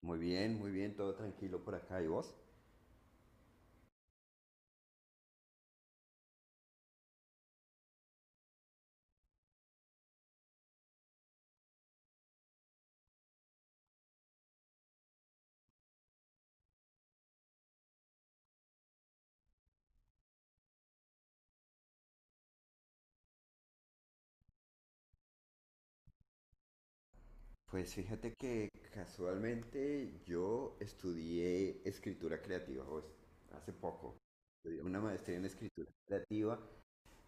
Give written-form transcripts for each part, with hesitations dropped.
Muy bien, todo tranquilo por acá. ¿Y vos? Pues fíjate que casualmente yo estudié escritura creativa, pues, hace poco. Estudié una maestría en escritura creativa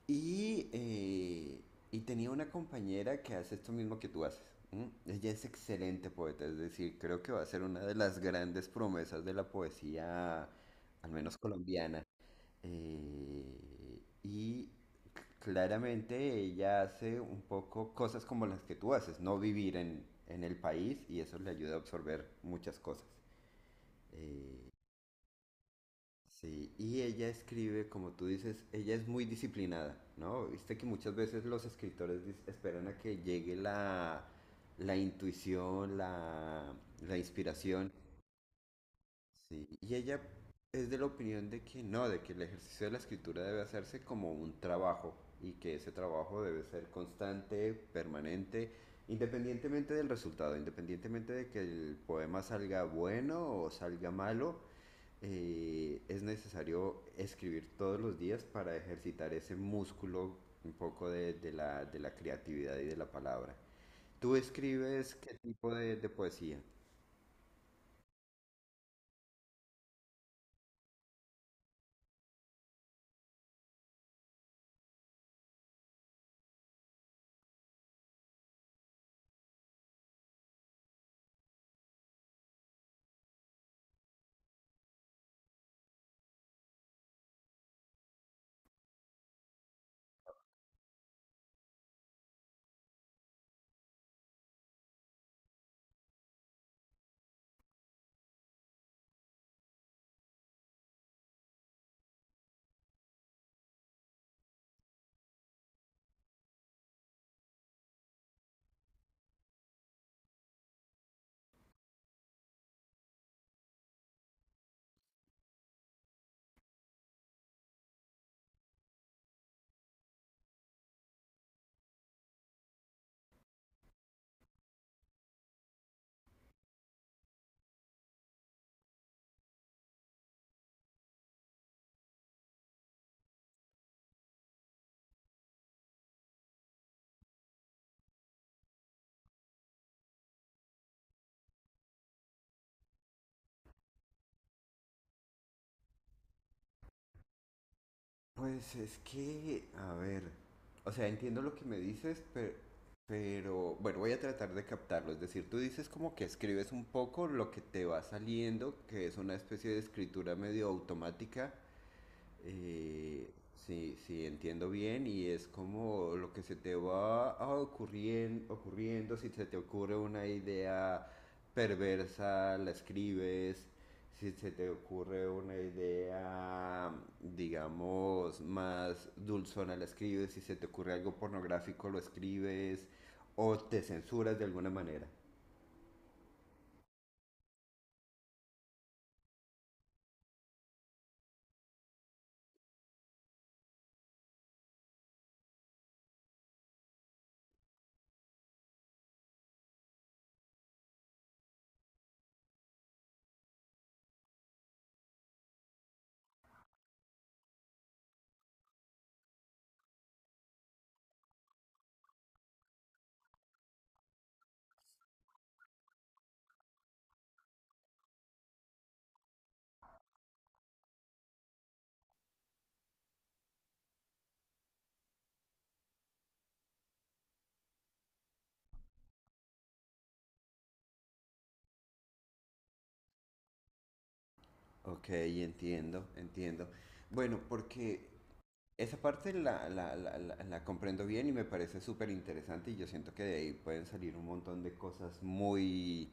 y, eh, y tenía una compañera que hace esto mismo que tú haces. ¿M? Ella es excelente poeta, es decir, creo que va a ser una de las grandes promesas de la poesía, al menos colombiana. Eh, y Claramente ella hace un poco cosas como las que tú haces, no vivir en el país y eso le ayuda a absorber muchas cosas. Eh, sí, y ella escribe, como tú dices, ella es muy disciplinada, ¿no? Viste que muchas veces los escritores esperan a que llegue la intuición, la inspiración. Sí, y ella es de la opinión de que no, de que el ejercicio de la escritura debe hacerse como un trabajo y que ese trabajo debe ser constante, permanente, independientemente del resultado, independientemente de que el poema salga bueno o salga malo, es necesario escribir todos los días para ejercitar ese músculo un poco de la creatividad y de la palabra. ¿Tú escribes qué tipo de poesía? Pues es que, a ver, o sea, entiendo lo que me dices, pero bueno, voy a tratar de captarlo. Es decir, tú dices como que escribes un poco lo que te va saliendo, que es una especie de escritura medio automática, sí, sí, entiendo bien y es como lo que se te va ocurriendo, si se te ocurre una idea perversa, la escribes, si se te ocurre una idea, digamos, más dulzona, la escribes, si se te ocurre algo pornográfico, lo escribes o te censuras de alguna manera. Ok, entiendo, entiendo. Bueno, porque esa parte la comprendo bien y me parece súper interesante y yo siento que de ahí pueden salir un montón de cosas muy,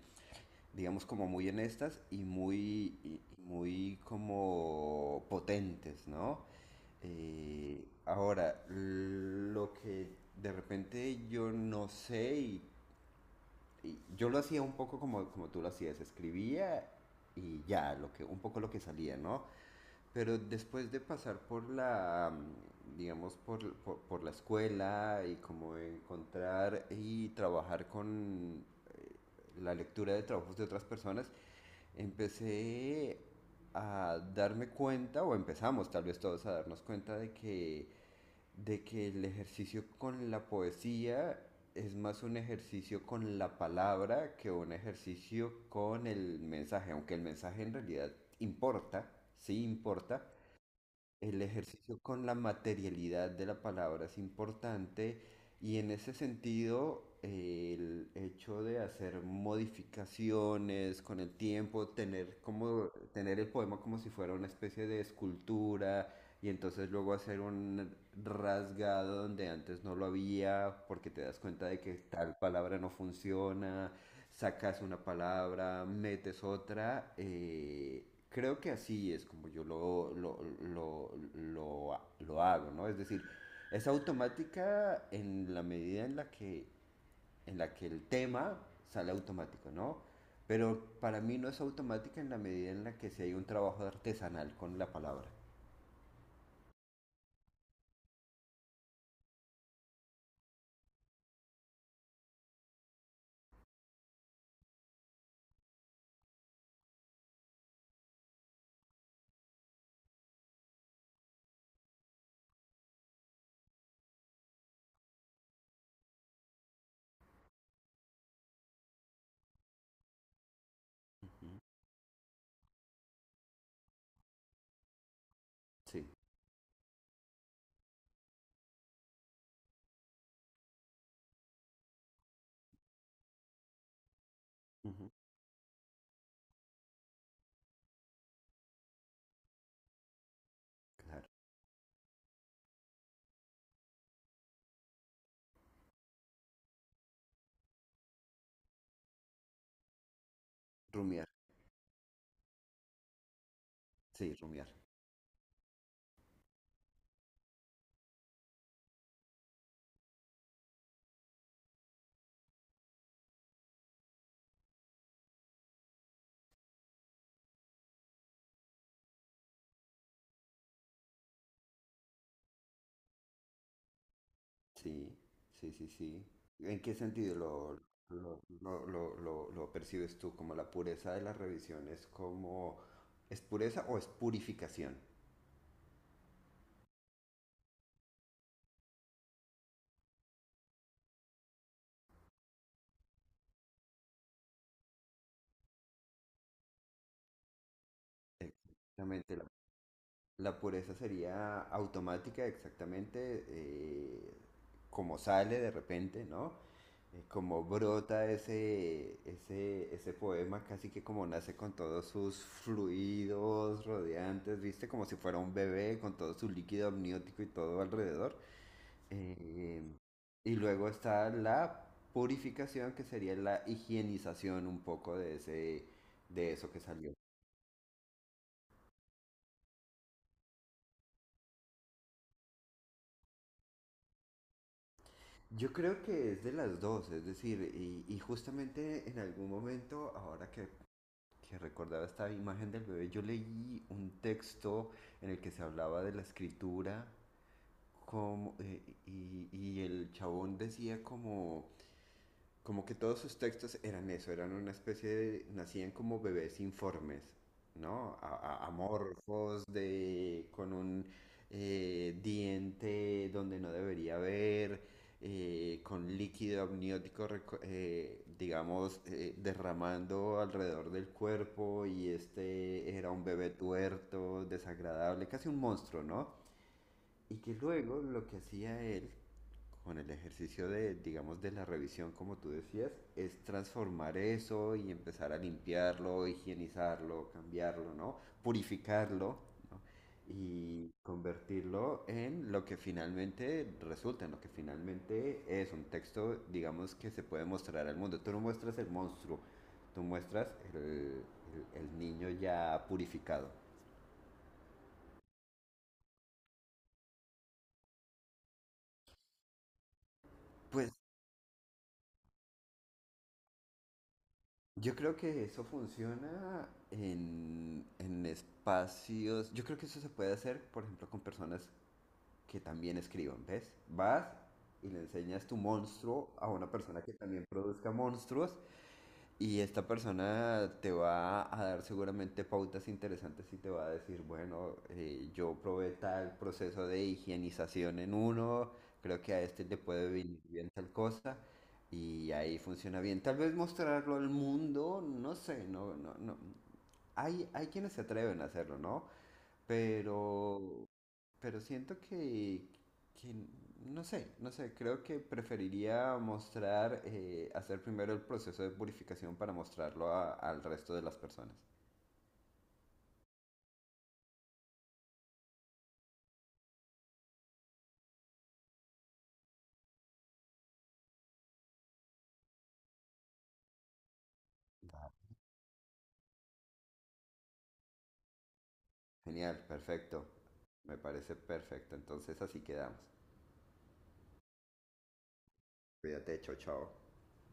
digamos, como muy honestas y muy, y muy como potentes, ¿no? Ahora, lo que de repente yo no sé y yo lo hacía un poco como, como tú lo hacías, escribía y ya, lo que, un poco lo que salía, ¿no? Pero después de pasar por digamos, por, por la escuela y como encontrar y trabajar con eh, la lectura de trabajos de otras personas, empecé a darme cuenta, o empezamos tal vez todos a darnos cuenta de de que el ejercicio con la poesía es más un ejercicio con la palabra que un ejercicio con el mensaje, aunque el mensaje en realidad importa, sí importa, el ejercicio con la materialidad de la palabra es importante. Y en ese sentido, el hecho de hacer modificaciones con el tiempo, tener como tener el poema como si fuera una especie de escultura y entonces luego hacer un rasgado donde antes no lo había porque te das cuenta de que tal palabra no funciona, sacas una palabra, metes otra. Creo que así es como yo lo hago, ¿no? Es decir, es automática en la medida en en la que el tema sale automático, ¿no? Pero para mí no es automática en la medida en la que si hay un trabajo artesanal con la palabra. Sí. Ujú. Claro. Rumiar. Sí, rumiar. Sí, sí, sí, sí. ¿En qué sentido lo percibes tú? ¿Como la pureza de las revisiones? Como... ¿Es pureza o es purificación? Exactamente. La pureza sería automática, exactamente, como sale de repente, ¿no? Como brota ese poema, casi que como nace con todos sus fluidos rodeantes, ¿viste? Como si fuera un bebé con todo su líquido amniótico y todo alrededor. Eh, y luego está la purificación, que sería la higienización un poco de ese, de eso que salió. Yo creo que es de las dos, es decir, y justamente en algún momento, ahora que recordaba esta imagen del bebé, yo leí un texto en el que se hablaba de la escritura como, y el chabón decía como como que todos sus textos eran eso, eran una especie de, nacían como bebés informes, ¿no? Amorfos, de, con un diente donde no debería haber, con líquido amniótico, digamos, derramando alrededor del cuerpo y este era un bebé tuerto, desagradable, casi un monstruo, ¿no? Y que luego lo que hacía él con el ejercicio de, digamos, de la revisión, como tú decías, es transformar eso y empezar a limpiarlo, higienizarlo, cambiarlo, ¿no? Purificarlo, ¿no? Y convertirlo en lo que finalmente resulta, en lo que finalmente es un texto, digamos, que se puede mostrar al mundo. Tú no muestras el monstruo, tú muestras el, el niño ya purificado. Pues yo creo que eso funciona en espacios. Yo creo que eso se puede hacer, por ejemplo, con personas que también escriban, ¿ves? Vas y le enseñas tu monstruo a una persona que también produzca monstruos y esta persona te va a dar seguramente pautas interesantes y te va a decir, bueno, yo probé tal proceso de higienización en uno, creo que a este le puede venir bien tal cosa y ahí funciona bien. Tal vez mostrarlo al mundo, no sé, no, no, no. Hay quienes se atreven a hacerlo, ¿no? Pero pero siento que no sé, no sé, creo que preferiría mostrar, hacer primero el proceso de purificación para mostrarlo al resto de las personas. Va. Genial, perfecto. Me parece perfecto. Entonces así quedamos. Cuídate, chao, chao.